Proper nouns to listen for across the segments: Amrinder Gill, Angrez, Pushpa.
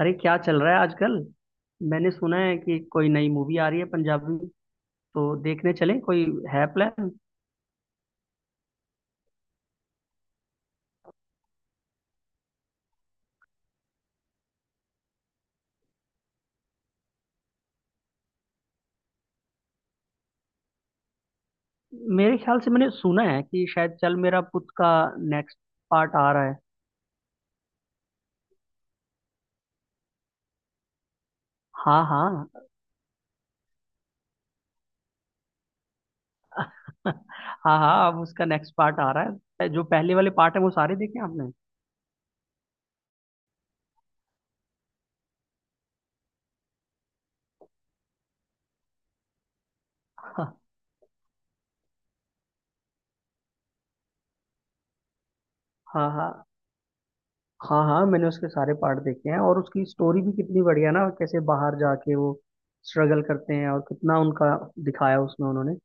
अरे, क्या चल रहा है आजकल। मैंने सुना है कि कोई नई मूवी आ रही है पंजाबी। तो देखने चले कोई है प्लान। मेरे ख्याल से मैंने सुना है कि शायद चल मेरा पुत का नेक्स्ट पार्ट आ रहा है। हाँ हाँ। हाँ हाँ, अब उसका नेक्स्ट पार्ट आ रहा है। जो पहले वाले पार्ट है वो सारे देखे आपने। हाँ हाँ। हाँ हाँ, मैंने उसके सारे पार्ट देखे हैं। और उसकी स्टोरी भी कितनी बढ़िया ना, कैसे बाहर जाके वो स्ट्रगल करते हैं और कितना उनका दिखाया उसमें उन्होंने।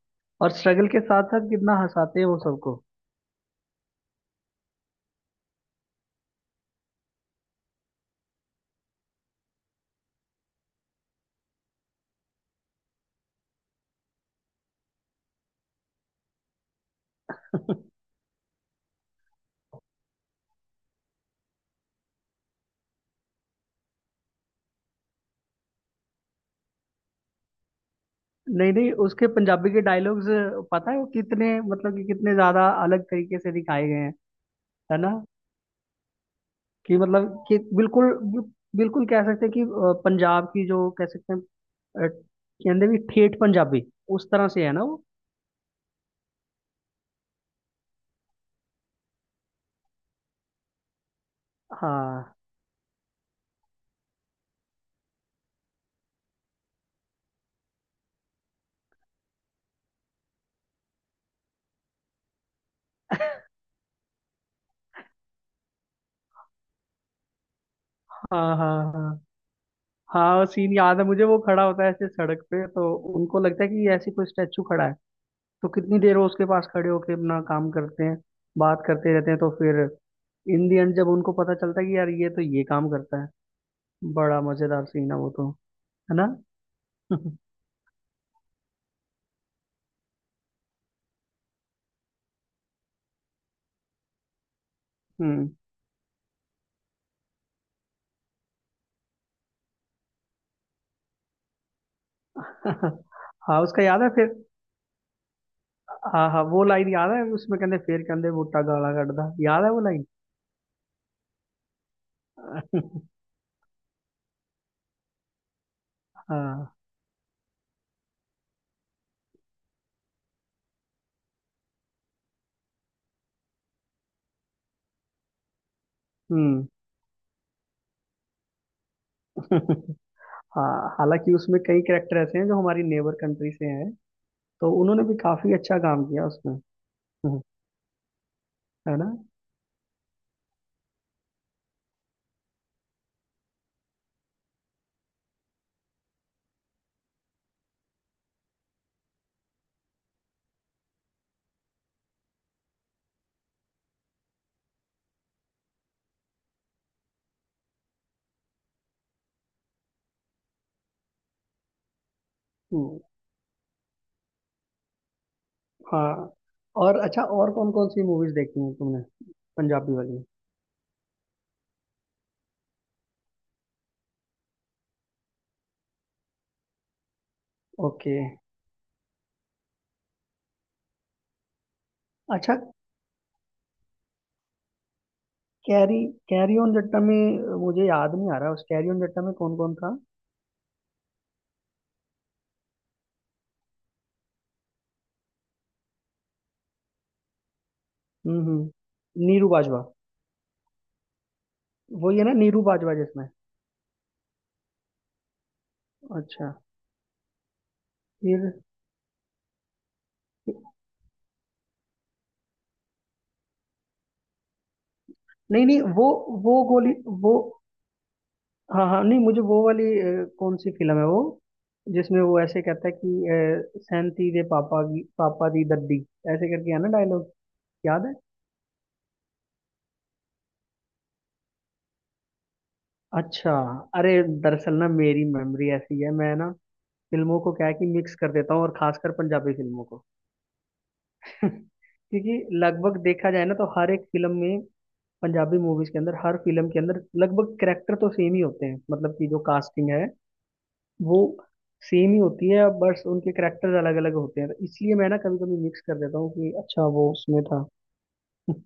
और स्ट्रगल के साथ साथ कितना हंसाते हैं वो सबको। नहीं नहीं, उसके पंजाबी के डायलॉग्स पता है वो कितने, मतलब कि कितने ज्यादा अलग तरीके से दिखाए गए हैं। है ना। कि मतलब कि बिल्कुल, बिल्कुल कह सकते हैं कि पंजाब की जो कह सकते हैं अ, कहते भी ठेठ पंजाबी उस तरह से। है ना वो। हाँ हाँ। हाँ हाँ। हाँ, वो सीन याद है मुझे। वो खड़ा होता है ऐसे सड़क पे, तो उनको लगता है कि ये ऐसे कोई स्टैचू खड़ा है। तो कितनी देर वो उसके पास खड़े होके अपना काम करते हैं, बात करते रहते हैं। तो फिर इन दी एंड जब उनको पता चलता है कि यार ये तो ये काम करता है। बड़ा मजेदार सीन है वो तो। है ना। हम्म। हाँ, उसका याद है फिर। हाँ हाँ, वो लाइन याद है उसमें, कहते फिर कहते बूटा गाला कटदा। याद है वो लाइन। हाँ। हम्म। हाँ, हालांकि उसमें कई कैरेक्टर ऐसे हैं जो हमारी नेबर कंट्री से हैं, तो उन्होंने भी काफी अच्छा काम किया उसमें। हम्म। है ना। हम्म। हाँ। और अच्छा, और कौन कौन सी मूवीज देखी हैं तुमने, पंजाबी वाली। ओके। अच्छा। कैरी, कैरी ऑन जट्टा में मुझे याद नहीं आ रहा, उस कैरी ऑन जट्टा में कौन कौन था। हम्म। नीरू बाजवा। वो ये ना, नीरू बाजवा जिसमें। अच्छा। फिर नहीं नहीं। वो वो गोली वो। हाँ हाँ, नहीं मुझे वो वाली कौन सी फिल्म है वो जिसमें वो ऐसे कहता है कि सैंती दे पापा की पापा दी दद्दी, ऐसे करके। है ना डायलॉग। याद है। अच्छा। अरे, दरअसल ना मेरी मेमोरी ऐसी है, मैं ना फिल्मों को क्या है कि मिक्स कर देता हूँ, और खासकर पंजाबी फिल्मों को। क्योंकि लगभग देखा जाए ना तो हर एक फिल्म में, पंजाबी मूवीज के अंदर हर फिल्म के अंदर लगभग कैरेक्टर तो सेम ही होते हैं। मतलब कि जो कास्टिंग है वो सेम ही होती है, बस उनके करेक्टर्स अलग अलग होते हैं। तो इसलिए मैं ना कभी कभी मिक्स कर देता हूँ कि अच्छा वो उसमें था।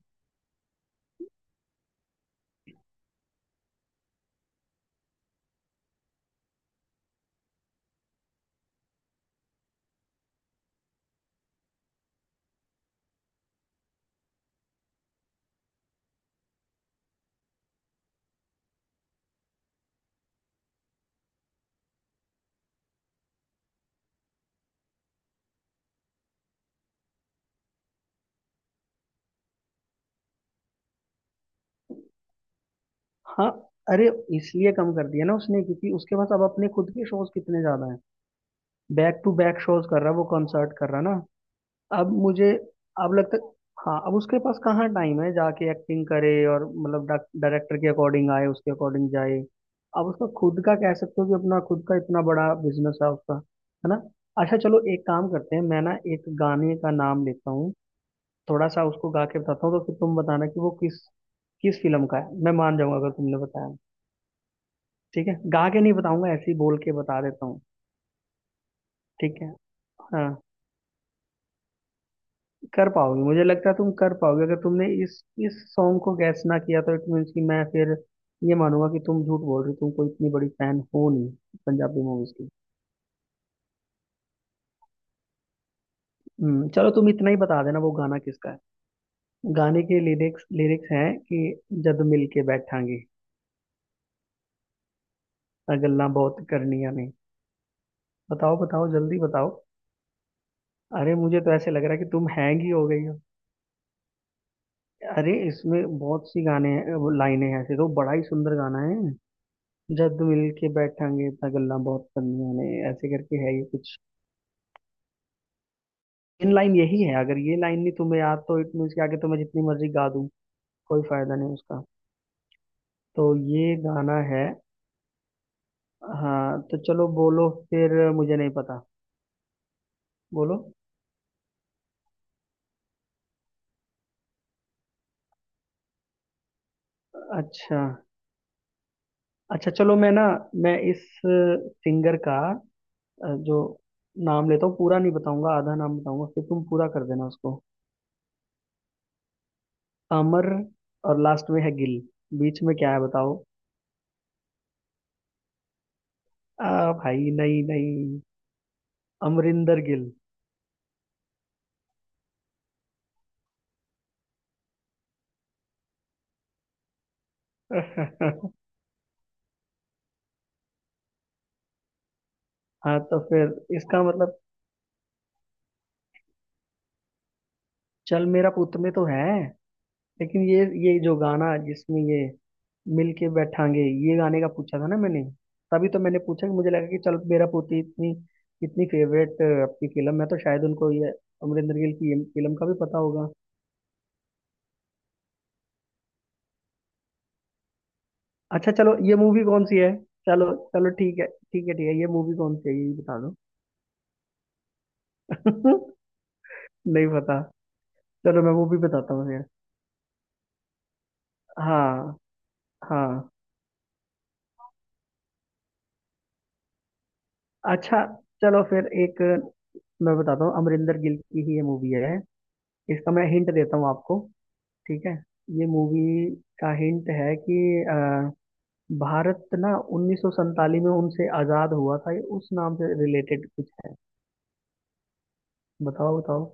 हाँ। अरे, इसलिए कम कर दिया ना उसने, क्योंकि उसके पास अब अपने खुद के शोज कितने ज्यादा हैं। बैक टू बैक शोज कर रहा है, वो कंसर्ट कर रहा है ना। अब मुझे, अब लगता, हाँ अब उसके पास कहाँ टाइम है जाके एक्टिंग करे, और मतलब डायरेक्टर के अकॉर्डिंग आए उसके अकॉर्डिंग जाए। अब उसका खुद का कह सकते हो कि अपना खुद का इतना बड़ा बिजनेस है उसका। है ना। अच्छा चलो, एक काम करते हैं। मैं ना एक गाने का नाम लेता हूँ, थोड़ा सा उसको गा के बताता हूँ, तो फिर तुम बताना कि वो किस किस फिल्म का है। मैं मान जाऊंगा अगर तुमने बताया। ठीक है, गा के नहीं बताऊंगा ऐसे ही बोल के बता देता हूँ। ठीक है। हाँ, कर पाओगे, मुझे लगता है तुम कर पाओगे। अगर तुमने इस सॉन्ग को गैस ना किया तो इट मीन्स कि मैं फिर ये मानूंगा कि तुम झूठ बोल रहे हो, तुम कोई इतनी बड़ी फैन हो नहीं पंजाबी मूवीज की। हम्म, चलो तुम इतना ही बता देना वो गाना किसका है। गाने के लिरिक्स लिरिक्स हैं कि, जद मिल के बैठांगे, आ गल्ला बहुत करनियां ने। बताओ बताओ जल्दी बताओ। अरे मुझे तो ऐसे लग रहा है कि तुम हैंग ही हो गई हो। अरे, इसमें बहुत सी गाने हैं, वो लाइनें हैं, ऐसे तो बड़ा ही सुंदर गाना है। जद मिल के बैठांगे इतना गल्ला बहुत करनिया ने, ऐसे करके है ये कुछ इन लाइन यही है। अगर ये लाइन नहीं तुम्हें याद, तो इट मीन्स के आगे तो मैं जितनी मर्जी गा दूं कोई फायदा नहीं उसका। तो ये गाना है। हाँ तो चलो बोलो फिर, मुझे नहीं पता। बोलो। अच्छा। अच्छा चलो, मैं ना, मैं इस सिंगर का जो नाम लेता हूँ पूरा नहीं बताऊंगा, आधा नाम बताऊंगा, फिर तुम पूरा कर देना उसको। अमर, और लास्ट में है गिल। बीच में क्या है बताओ। आ भाई, नहीं नहीं, अमरिंदर गिल। हाँ तो फिर इसका मतलब, चल मेरा पुत में तो है। लेकिन ये जो गाना, जिसमें ये मिल के बैठांगे, ये गाने का पूछा था ना मैंने। तभी तो मैंने पूछा कि मुझे लगा कि चल मेरा पोती इतनी इतनी फेवरेट आपकी फिल्म है तो शायद उनको ये अमरिंदर गिल की ये फिल्म का भी पता होगा। अच्छा चलो, ये मूवी कौन सी है। चलो चलो, ठीक है ठीक है ठीक है, ये मूवी कौन सी है ये भी बता दो। नहीं पता। चलो मैं मूवी बताता हूँ फिर। हाँ हाँ। अच्छा चलो फिर, एक मैं बताता हूँ। अमरिंदर गिल की ही ये मूवी है। इसका मैं हिंट देता हूँ आपको। ठीक है। ये मूवी का हिंट है कि अ, भारत ना 1947 में उनसे आज़ाद हुआ था, ये उस नाम से रिलेटेड कुछ है। बताओ बताओ।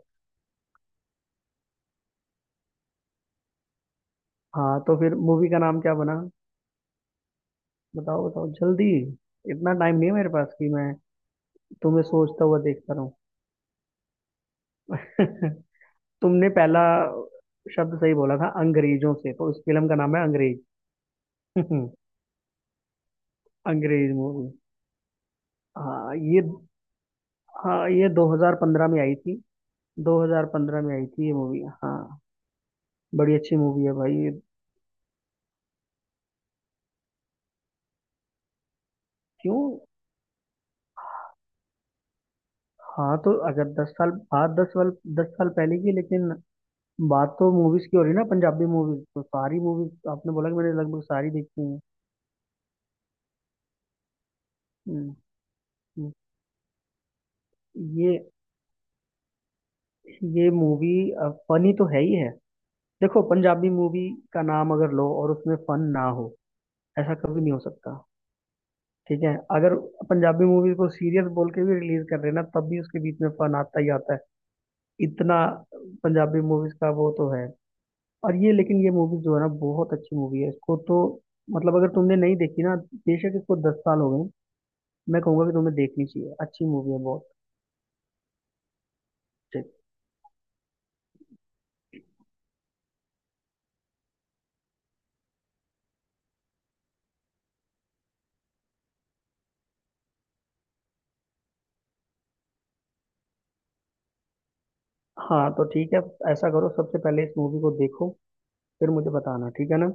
हाँ तो फिर मूवी का नाम क्या बना, बताओ बताओ जल्दी, इतना टाइम नहीं है मेरे पास कि मैं तुम्हें सोचता हुआ देखता रहूँ। तुमने पहला शब्द सही बोला था, अंग्रेजों से, तो इस फिल्म का नाम है अंग्रेज। अंग्रेज मूवी। हाँ ये, हाँ ये 2015 में आई थी। 2015 में आई थी ये मूवी, हाँ। बड़ी अच्छी मूवी है भाई ये। क्यों। हाँ तो अगर 10 साल बाद, 10 साल, 10 साल पहले की, लेकिन बात तो मूवीज की हो रही है ना, पंजाबी मूवीज तो सारी मूवीज आपने बोला कि मैंने लगभग सारी देखी हैं। हम्म। हम्म। ये ये मूवी फनी तो है ही है। देखो पंजाबी मूवी का नाम अगर लो और उसमें फन ना हो, ऐसा कभी नहीं हो सकता। ठीक है, अगर पंजाबी मूवीज को सीरियस बोल के भी रिलीज कर रहे हैं ना, तब भी उसके बीच में फन आता ही आता है इतना। पंजाबी मूवीज का वो तो है। और ये, लेकिन ये मूवी जो है ना बहुत अच्छी मूवी है इसको तो, मतलब अगर तुमने नहीं देखी ना, बेशक इसको 10 साल हो गए, मैं कहूंगा कि तुम्हें देखनी चाहिए, अच्छी मूवी है बहुत। ठीक। हाँ तो ठीक है, ऐसा करो, सबसे पहले इस मूवी को देखो, फिर मुझे बताना। ठीक है ना।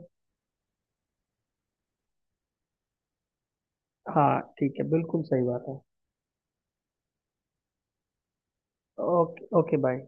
हाँ ठीक है, बिल्कुल सही बात है। ओके। Okay, bye.